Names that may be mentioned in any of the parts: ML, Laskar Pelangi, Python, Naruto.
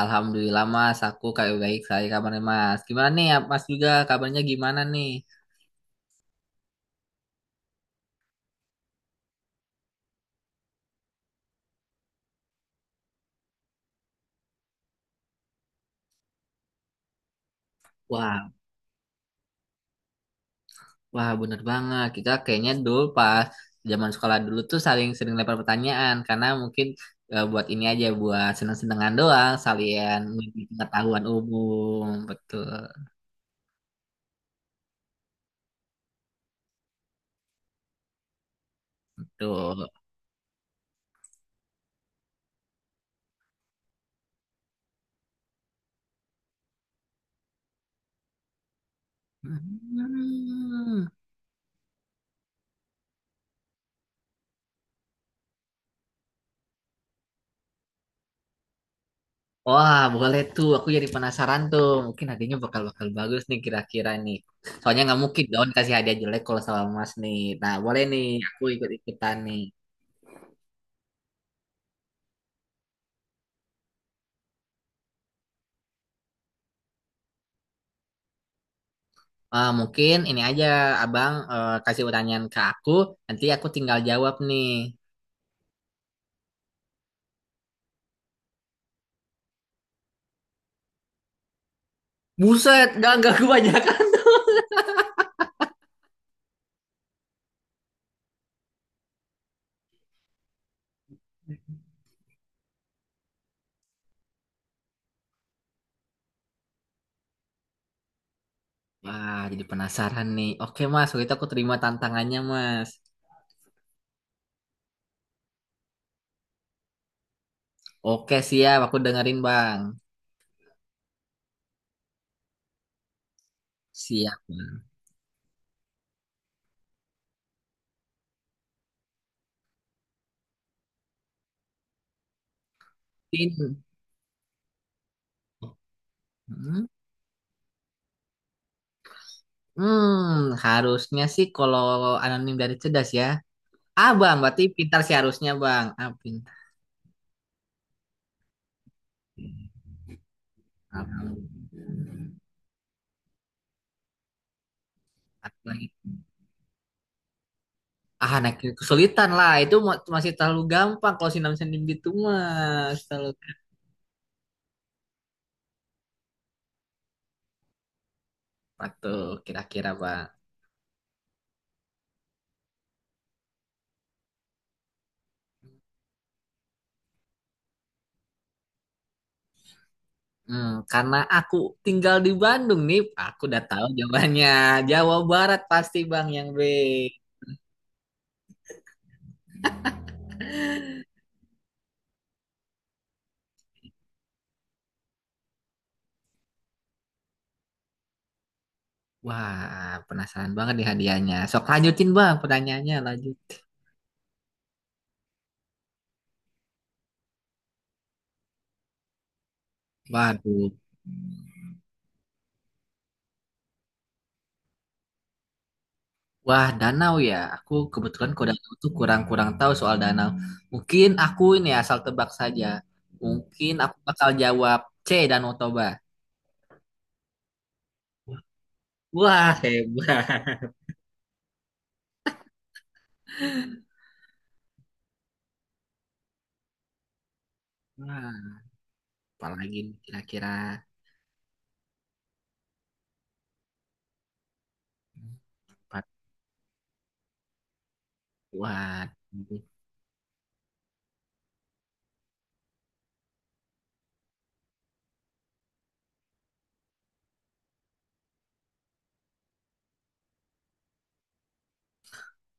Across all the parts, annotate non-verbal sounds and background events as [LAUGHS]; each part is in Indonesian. Alhamdulillah Mas, aku kayak baik saya kabarnya Mas. Gimana nih ya, Mas juga kabarnya gimana nih? Wah, wah, bener banget. Kita kayaknya dulu pas zaman sekolah dulu tuh saling sering lempar pertanyaan karena mungkin buat ini aja buat seneng-senengan doang, salian mengisi pengetahuan umum. Betul. Tuh. Hmm. Wah, boleh tuh. Aku jadi penasaran tuh. Mungkin hadiahnya bakal-bakal bagus nih kira-kira nih. Soalnya nggak mungkin dong kasih hadiah jelek kalau sama Mas nih. Nah, boleh nih. Aku ikut-ikutan nih. Ah, mungkin ini aja Abang kasih pertanyaan ke aku. Nanti aku tinggal jawab nih. Buset, nggak kebanyakan. Wah, jadi penasaran nih. Oke Mas, waktu itu aku terima tantangannya Mas. Oke siap, aku dengerin Bang. Siap Bang. Tin. Hmm? Hmm, harusnya sih kalau anonim dari cerdas ya. Ah, Bang, berarti pintar sih harusnya, Bang. Ah, pintar. Ah, apa lagi? Ah, anak kesulitan lah. Itu masih terlalu gampang kalau sinam sendim gitu mah. Terlalu apa tuh kira-kira, Bang? Hmm, karena aku tinggal di Bandung nih, aku udah tahu jawabannya. Jawa Barat pasti, Bang, yang B. Wah, penasaran banget nih hadiahnya. Sok lanjutin, Bang, pertanyaannya lanjut. Waduh, wah, danau ya. Aku kebetulan kalau danau tuh kurang-kurang tahu soal danau. Mungkin aku ini asal tebak saja. Mungkin aku bakal jawab C, Danau Toba. Wah, hebat. Wah, apalagi nih kira-kira empat kuat.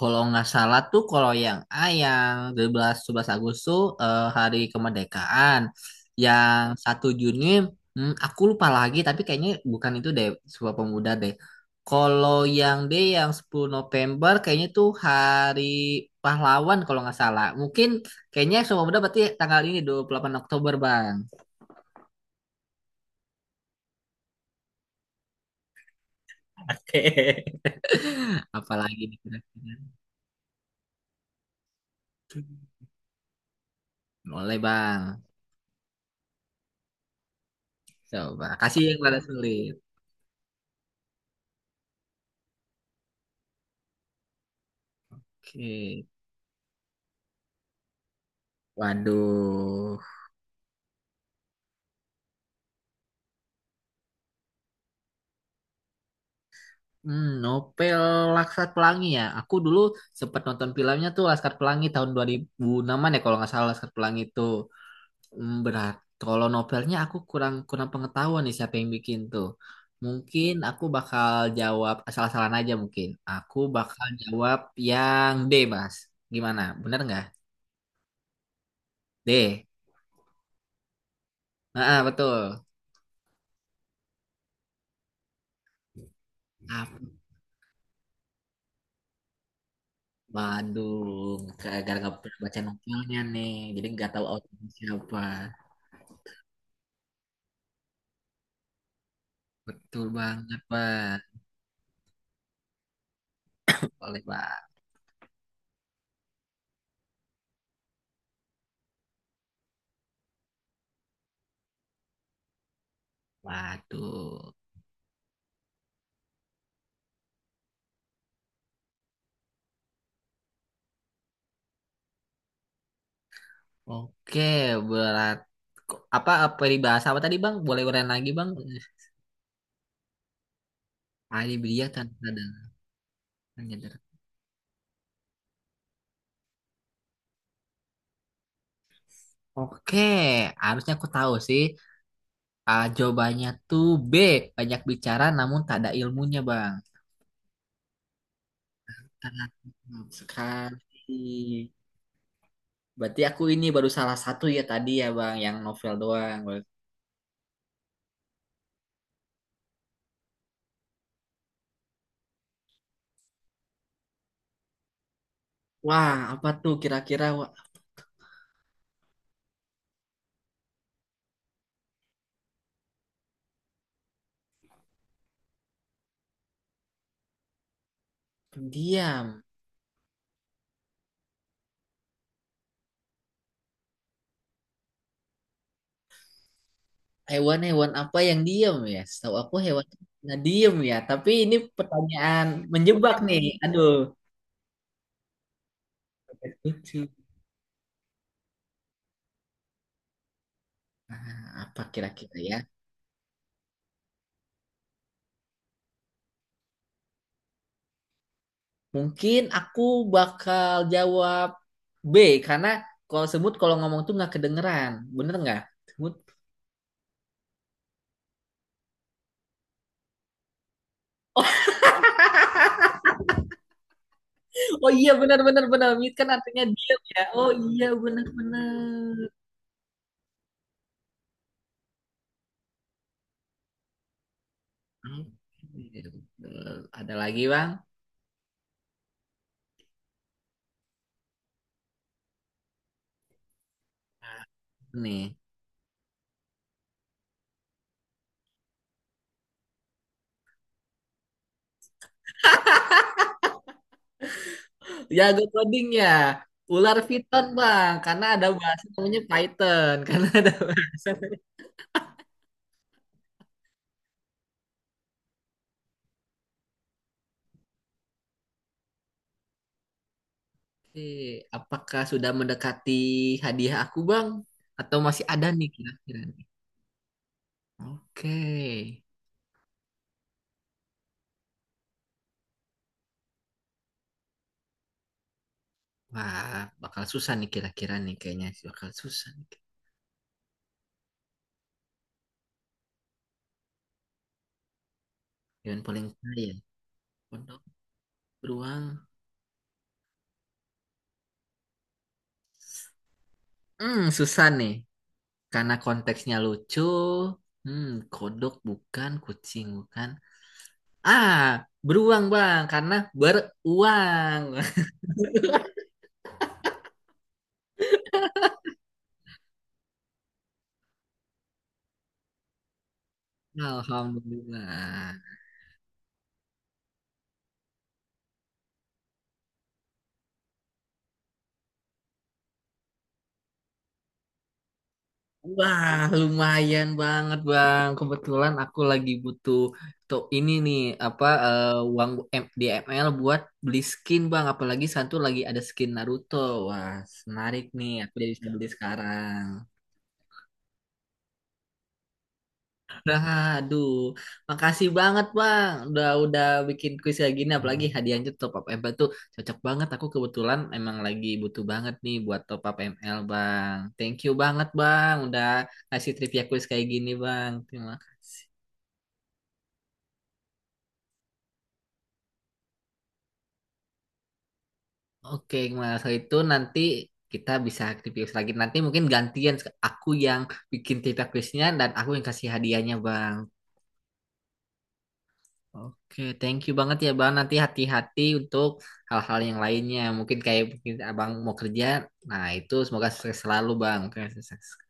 Kalau nggak salah tuh kalau yang A yang 12 11 Agustus hari kemerdekaan. Yang 1 Juni hmm, aku lupa lagi tapi kayaknya bukan itu deh Sumpah Pemuda deh. Kalau yang D yang 10 November kayaknya tuh hari pahlawan kalau nggak salah. Mungkin kayaknya Sumpah Pemuda berarti tanggal ini 28 Oktober, Bang. Oke. [LAUGHS] Apalagi nih kira-kira. Boleh, Bang. Coba kasih yang rada sulit. Oke. Waduh, hmm, novel Laskar Pelangi ya. Aku dulu sempat nonton filmnya tuh Laskar Pelangi tahun 2006-an ya kalau nggak salah Laskar Pelangi itu. Hmm, berat. Kalau novelnya aku kurang kurang pengetahuan nih siapa yang bikin tuh. Mungkin aku bakal jawab asal-asalan aja mungkin. Aku bakal jawab yang D, Mas. Gimana? Bener nggak? D. Ah, betul. Ah, waduh, gara-gara nggak pernah baca novelnya nih, jadi nggak tahu autornya siapa. Betul banget, Bang. Boleh, Bang. Waduh. Oke, berat. Apa, apa peribahasa apa tadi, Bang? Boleh uren lagi, Bang? Tadi beliau tanpa dengar. Oke, harusnya aku tahu sih. Ah, jawabannya tuh B. Banyak bicara namun tak ada ilmunya, Bang. Sangat benar sekali. Berarti aku ini baru salah satu ya tadi ya, Bang, yang novel doang. Wah, apa tuh kira-kira? Wah, diam. Hewan-hewan apa yang diem ya? Setahu aku hewan nah diem ya. Tapi ini pertanyaan menjebak nih. Aduh, lucu. Nah, apa kira-kira ya? Mungkin aku bakal jawab B karena kalau semut kalau ngomong tuh nggak kedengeran. Bener nggak? Semut. Oh iya bener bener bener. Mute kan artinya diam ya. Oh iya bener bener. Ada lagi bang? Nih. Jago coding ya. Ular Python bang, karena ada bahasa namanya Python, [LAUGHS] karena ada bahasa. Oke, apakah sudah mendekati hadiah aku bang? Atau masih ada nih kira-kira nih? Oke, wah bakal susah nih kira-kira nih kayaknya bakal susah nih. Yang paling kaya, pondok beruang. Hmm, susah nih, karena konteksnya lucu. Hmm, kodok bukan, kucing bukan. Ah, beruang bang, karena beruang. Alhamdulillah. Wah, lumayan banget, Bang. Kebetulan aku lagi butuh tuh ini nih apa uang di ML buat beli skin, Bang. Apalagi satu lagi ada skin Naruto. Wah, menarik nih. Aku jadi bisa beli sekarang. Nah, aduh, makasih banget Bang. Udah bikin kuis kayak gini apalagi hadiahnya tuh top up m ML tuh cocok banget. Aku kebetulan emang lagi butuh banget nih buat top up M-L Bang. Thank you banget Bang udah kasih trivia kuis kayak gini Bang. Terima kasih. Oke, kalau itu nanti kita bisa trivia kuis lagi. Nanti mungkin gantian aku yang bikin trivia kuisnya dan aku yang kasih hadiahnya Bang. Oke, thank you banget ya Bang. Nanti hati-hati untuk hal-hal yang lainnya. Mungkin kayak mungkin Abang mau kerja. Nah, itu semoga sukses selalu Bang. Oke, sukses.